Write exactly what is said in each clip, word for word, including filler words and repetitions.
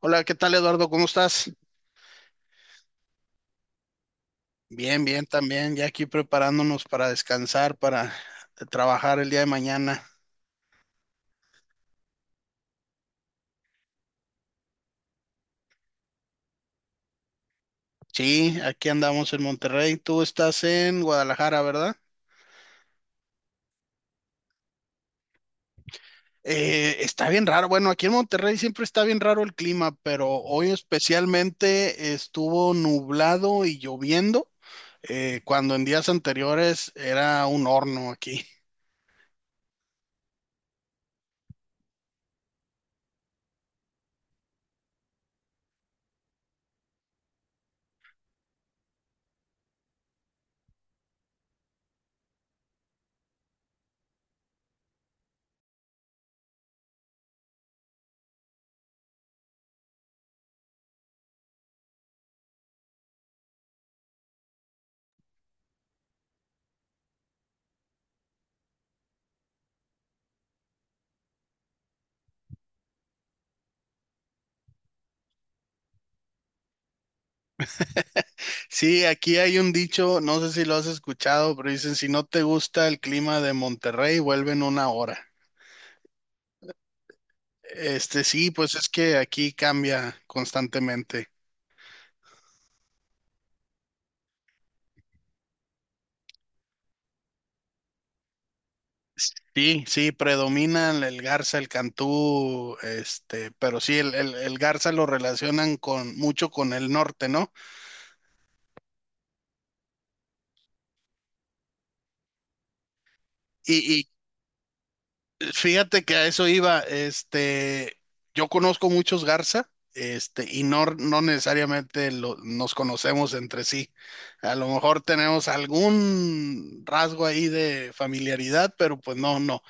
Hola, ¿qué tal, Eduardo? ¿Cómo estás? Bien, bien también, ya aquí preparándonos para descansar, para eh, trabajar el día de mañana. Sí, aquí andamos en Monterrey, tú estás en Guadalajara, ¿verdad? Eh, está bien raro, bueno, aquí en Monterrey siempre está bien raro el clima, pero hoy especialmente estuvo nublado y lloviendo, eh, cuando en días anteriores era un horno aquí. Sí, aquí hay un dicho, no sé si lo has escuchado, pero dicen, si no te gusta el clima de Monterrey, vuelve en una hora. Este, sí, pues es que aquí cambia constantemente. Sí, sí, predominan el Garza, el Cantú, este, pero sí, el, el, el Garza lo relacionan con mucho con el norte, ¿no? Y, Fíjate que a eso iba, este, yo conozco muchos Garza, este, y no, no necesariamente lo- nos conocemos entre sí. A lo mejor tenemos algún rasgo ahí de familiaridad, pero pues no, no,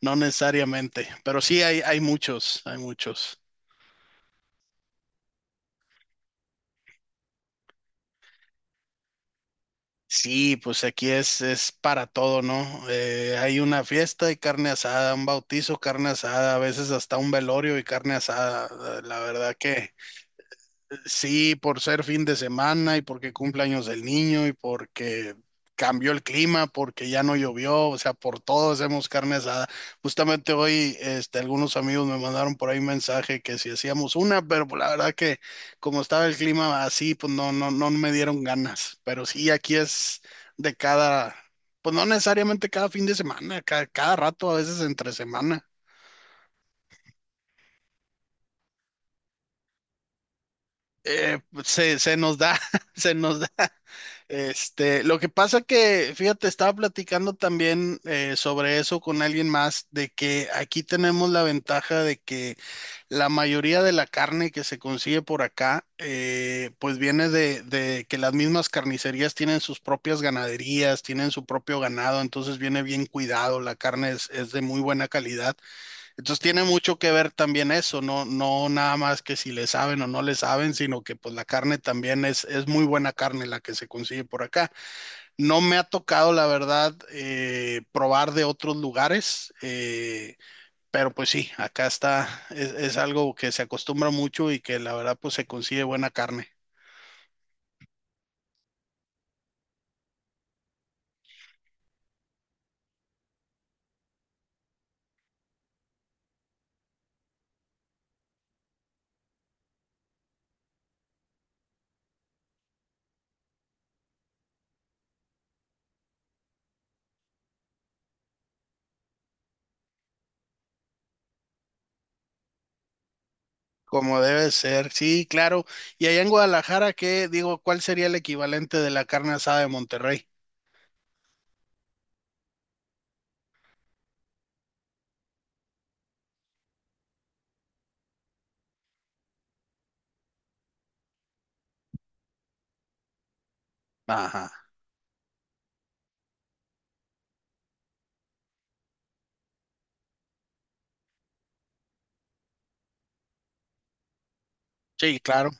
no necesariamente. Pero sí hay, hay muchos, hay muchos. Sí, pues aquí es, es para todo, ¿no? Eh, hay una fiesta y carne asada, un bautizo, carne asada, a veces hasta un velorio y carne asada. La verdad que sí, por ser fin de semana y porque cumpleaños del niño y porque cambió el clima, porque ya no llovió, o sea, por todo hacemos carne asada. Justamente hoy, este, algunos amigos me mandaron por ahí un mensaje que si hacíamos una, pero pues, la verdad que como estaba el clima así, pues no, no, no me dieron ganas. Pero sí, aquí es de cada, pues no necesariamente cada fin de semana, cada cada, rato, a veces entre semana. Eh, se, se nos da, se nos da. Este, lo que pasa que, fíjate, estaba platicando también eh, sobre eso con alguien más, de que aquí tenemos la ventaja de que la mayoría de la carne que se consigue por acá, eh, pues viene de, de que las mismas carnicerías tienen sus propias ganaderías, tienen su propio ganado, entonces viene bien cuidado, la carne es, es de muy buena calidad. Entonces tiene mucho que ver también eso, no, no nada más que si le saben o no le saben, sino que pues la carne también es, es muy buena carne la que se consigue por acá. No me ha tocado, la verdad, eh, probar de otros lugares, eh, pero pues sí, acá está, es, es algo que se acostumbra mucho y que la verdad pues se consigue buena carne, como debe ser, sí, claro. Y allá en Guadalajara, ¿qué digo? ¿Cuál sería el equivalente de la carne asada de Monterrey? Ajá, sí, claro.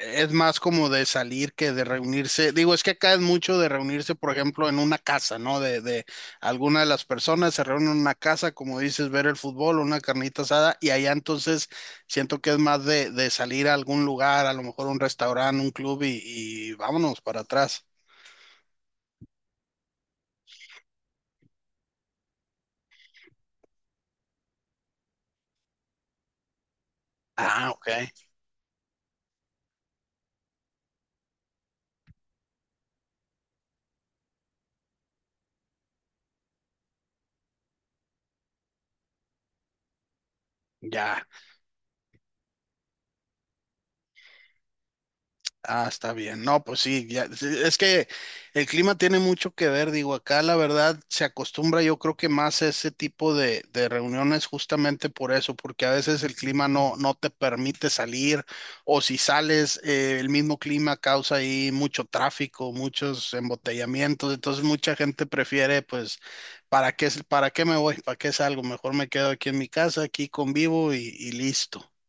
Es más como de salir que de reunirse. Digo, es que acá es mucho de reunirse, por ejemplo, en una casa, ¿no? De, de alguna de las personas se reúnen en una casa, como dices, ver el fútbol, una carnita asada, y allá entonces siento que es más de, de salir a algún lugar, a lo mejor un restaurante, un club, y, y vámonos para atrás. Ah, ok, ya. Ah, está bien. No, pues sí, ya, sí, es que el clima tiene mucho que ver, digo, acá la verdad se acostumbra yo creo que más a ese tipo de, de reuniones justamente por eso, porque a veces el clima no, no te permite salir o si sales, eh, el mismo clima causa ahí mucho tráfico, muchos embotellamientos, entonces mucha gente prefiere pues, ¿para qué, para qué me voy? ¿Para qué salgo? Mejor me quedo aquí en mi casa, aquí convivo y, y listo.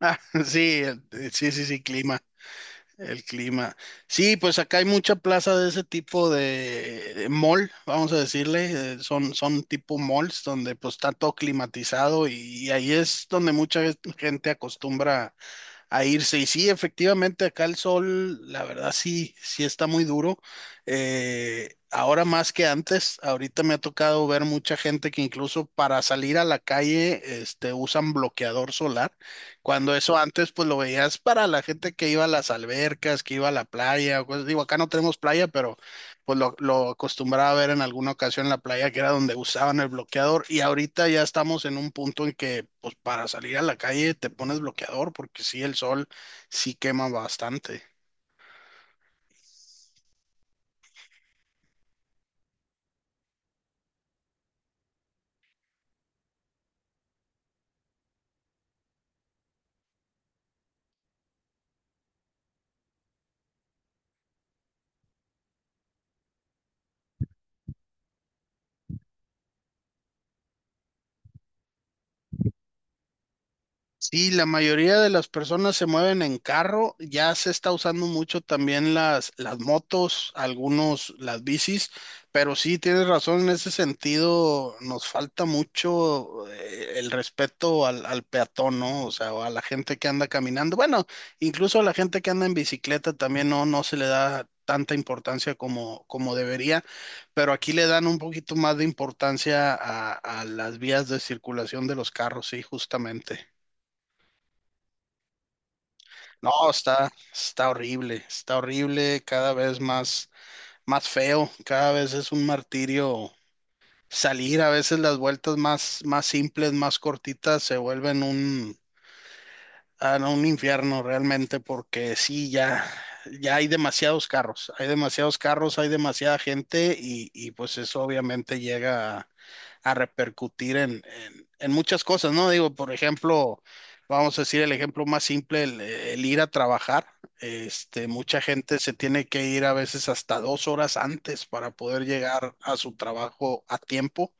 Ah, sí, eh, sí, sí, sí, clima. El clima. Sí, pues acá hay mucha plaza de ese tipo de, de mall, vamos a decirle. eh, Son, son tipo malls donde pues está todo climatizado y, y ahí es donde mucha gente acostumbra a irse. Y sí, efectivamente, acá el sol, la verdad sí, sí está muy duro. Eh, ahora más que antes, ahorita me ha tocado ver mucha gente que incluso para salir a la calle, este, usan bloqueador solar, cuando eso antes pues lo veías para la gente que iba a las albercas, que iba a la playa, o cosas. Digo, acá no tenemos playa, pero pues lo, lo acostumbraba a ver en alguna ocasión en la playa, que era donde usaban el bloqueador, y ahorita ya estamos en un punto en que, pues para salir a la calle te pones bloqueador, porque sí, el sol sí quema bastante. Sí, la mayoría de las personas se mueven en carro, ya se está usando mucho también las, las motos, algunos las bicis, pero sí tienes razón en ese sentido, nos falta mucho eh, el respeto al, al peatón, ¿no? O sea, o a la gente que anda caminando, bueno, incluso a la gente que anda en bicicleta también no, no se le da tanta importancia como, como debería, pero aquí le dan un poquito más de importancia a, a las vías de circulación de los carros, sí, justamente. No, está, está horrible, está horrible, cada vez más, más feo, cada vez es un martirio salir, a veces las vueltas más, más simples, más cortitas, se vuelven un, a un infierno realmente, porque sí, ya, ya hay demasiados carros, hay demasiados carros, hay demasiada gente y, y pues eso obviamente llega a, a repercutir en, en, en muchas cosas, ¿no? Digo, por ejemplo, vamos a decir el ejemplo más simple, el, el ir a trabajar. Este, mucha gente se tiene que ir a veces hasta dos horas antes para poder llegar a su trabajo a tiempo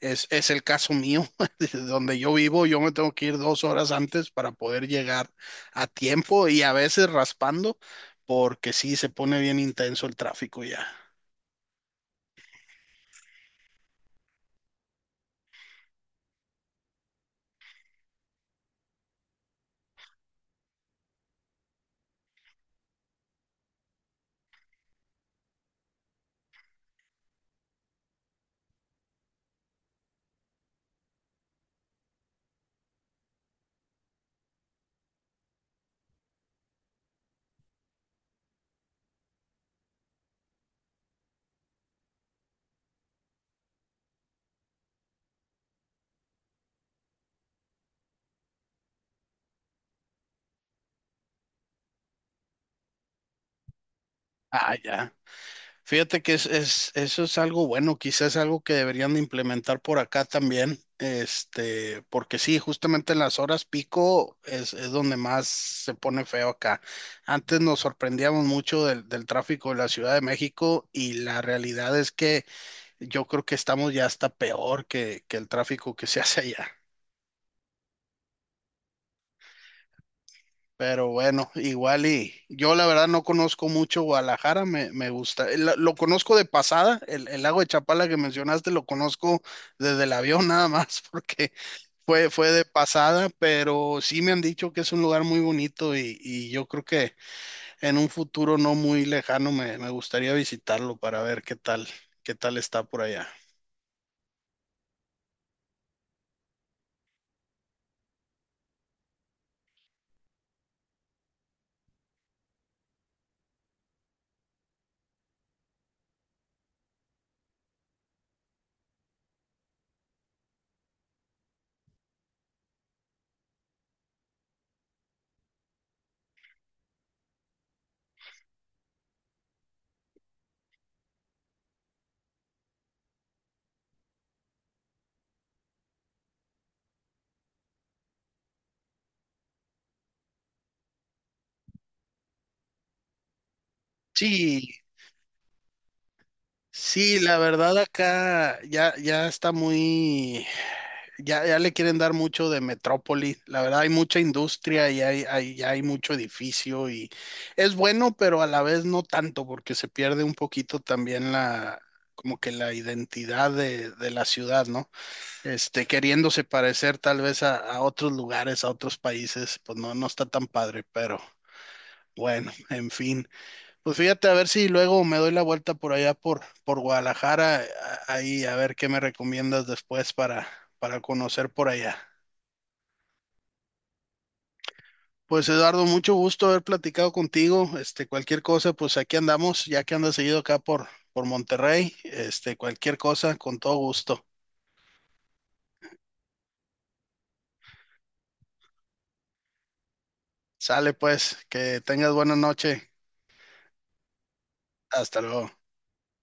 es, es el caso mío, de donde yo vivo, yo me tengo que ir dos horas antes para poder llegar a tiempo y a veces raspando, porque sí se pone bien intenso el tráfico ya. Ah, ya. Fíjate que es, es- eso es algo bueno, quizás algo que deberían de implementar por acá también, este, porque sí, justamente en las horas pico es, es donde más se pone feo acá. Antes nos sorprendíamos mucho del, del tráfico de la Ciudad de México y la realidad es que yo creo que estamos ya hasta peor que, que el tráfico que se hace allá. Pero bueno, igual y yo la verdad no conozco mucho Guadalajara, me, me gusta. Eh, La- Lo, conozco de pasada, el, el lago de Chapala que mencionaste lo conozco desde el avión nada más, porque fue, fue de pasada, pero sí me han dicho que es un lugar muy bonito y, y yo creo que en un futuro no muy lejano me, me gustaría visitarlo para ver qué tal, qué tal está por allá. Sí, sí, la verdad acá ya, ya está muy, ya, ya le quieren dar mucho de metrópoli. La verdad hay mucha industria y hay, hay, ya hay mucho edificio y es bueno, pero a la vez no tanto porque se pierde un poquito también la, como que la identidad de, de la ciudad, ¿no? Este, queriéndose parecer tal vez a, a otros lugares, a otros países, pues no, no está tan padre, pero bueno, en fin. Pues fíjate, a ver si luego me doy la vuelta por allá por, por Guadalajara, a- ahí a ver qué me recomiendas después para, para conocer por allá. Pues Eduardo, mucho gusto haber platicado contigo. Este, cualquier cosa, pues aquí andamos, ya que andas seguido acá por, por Monterrey. Este, cualquier cosa, con todo gusto. Sale pues, que tengas buena noche. Hasta luego.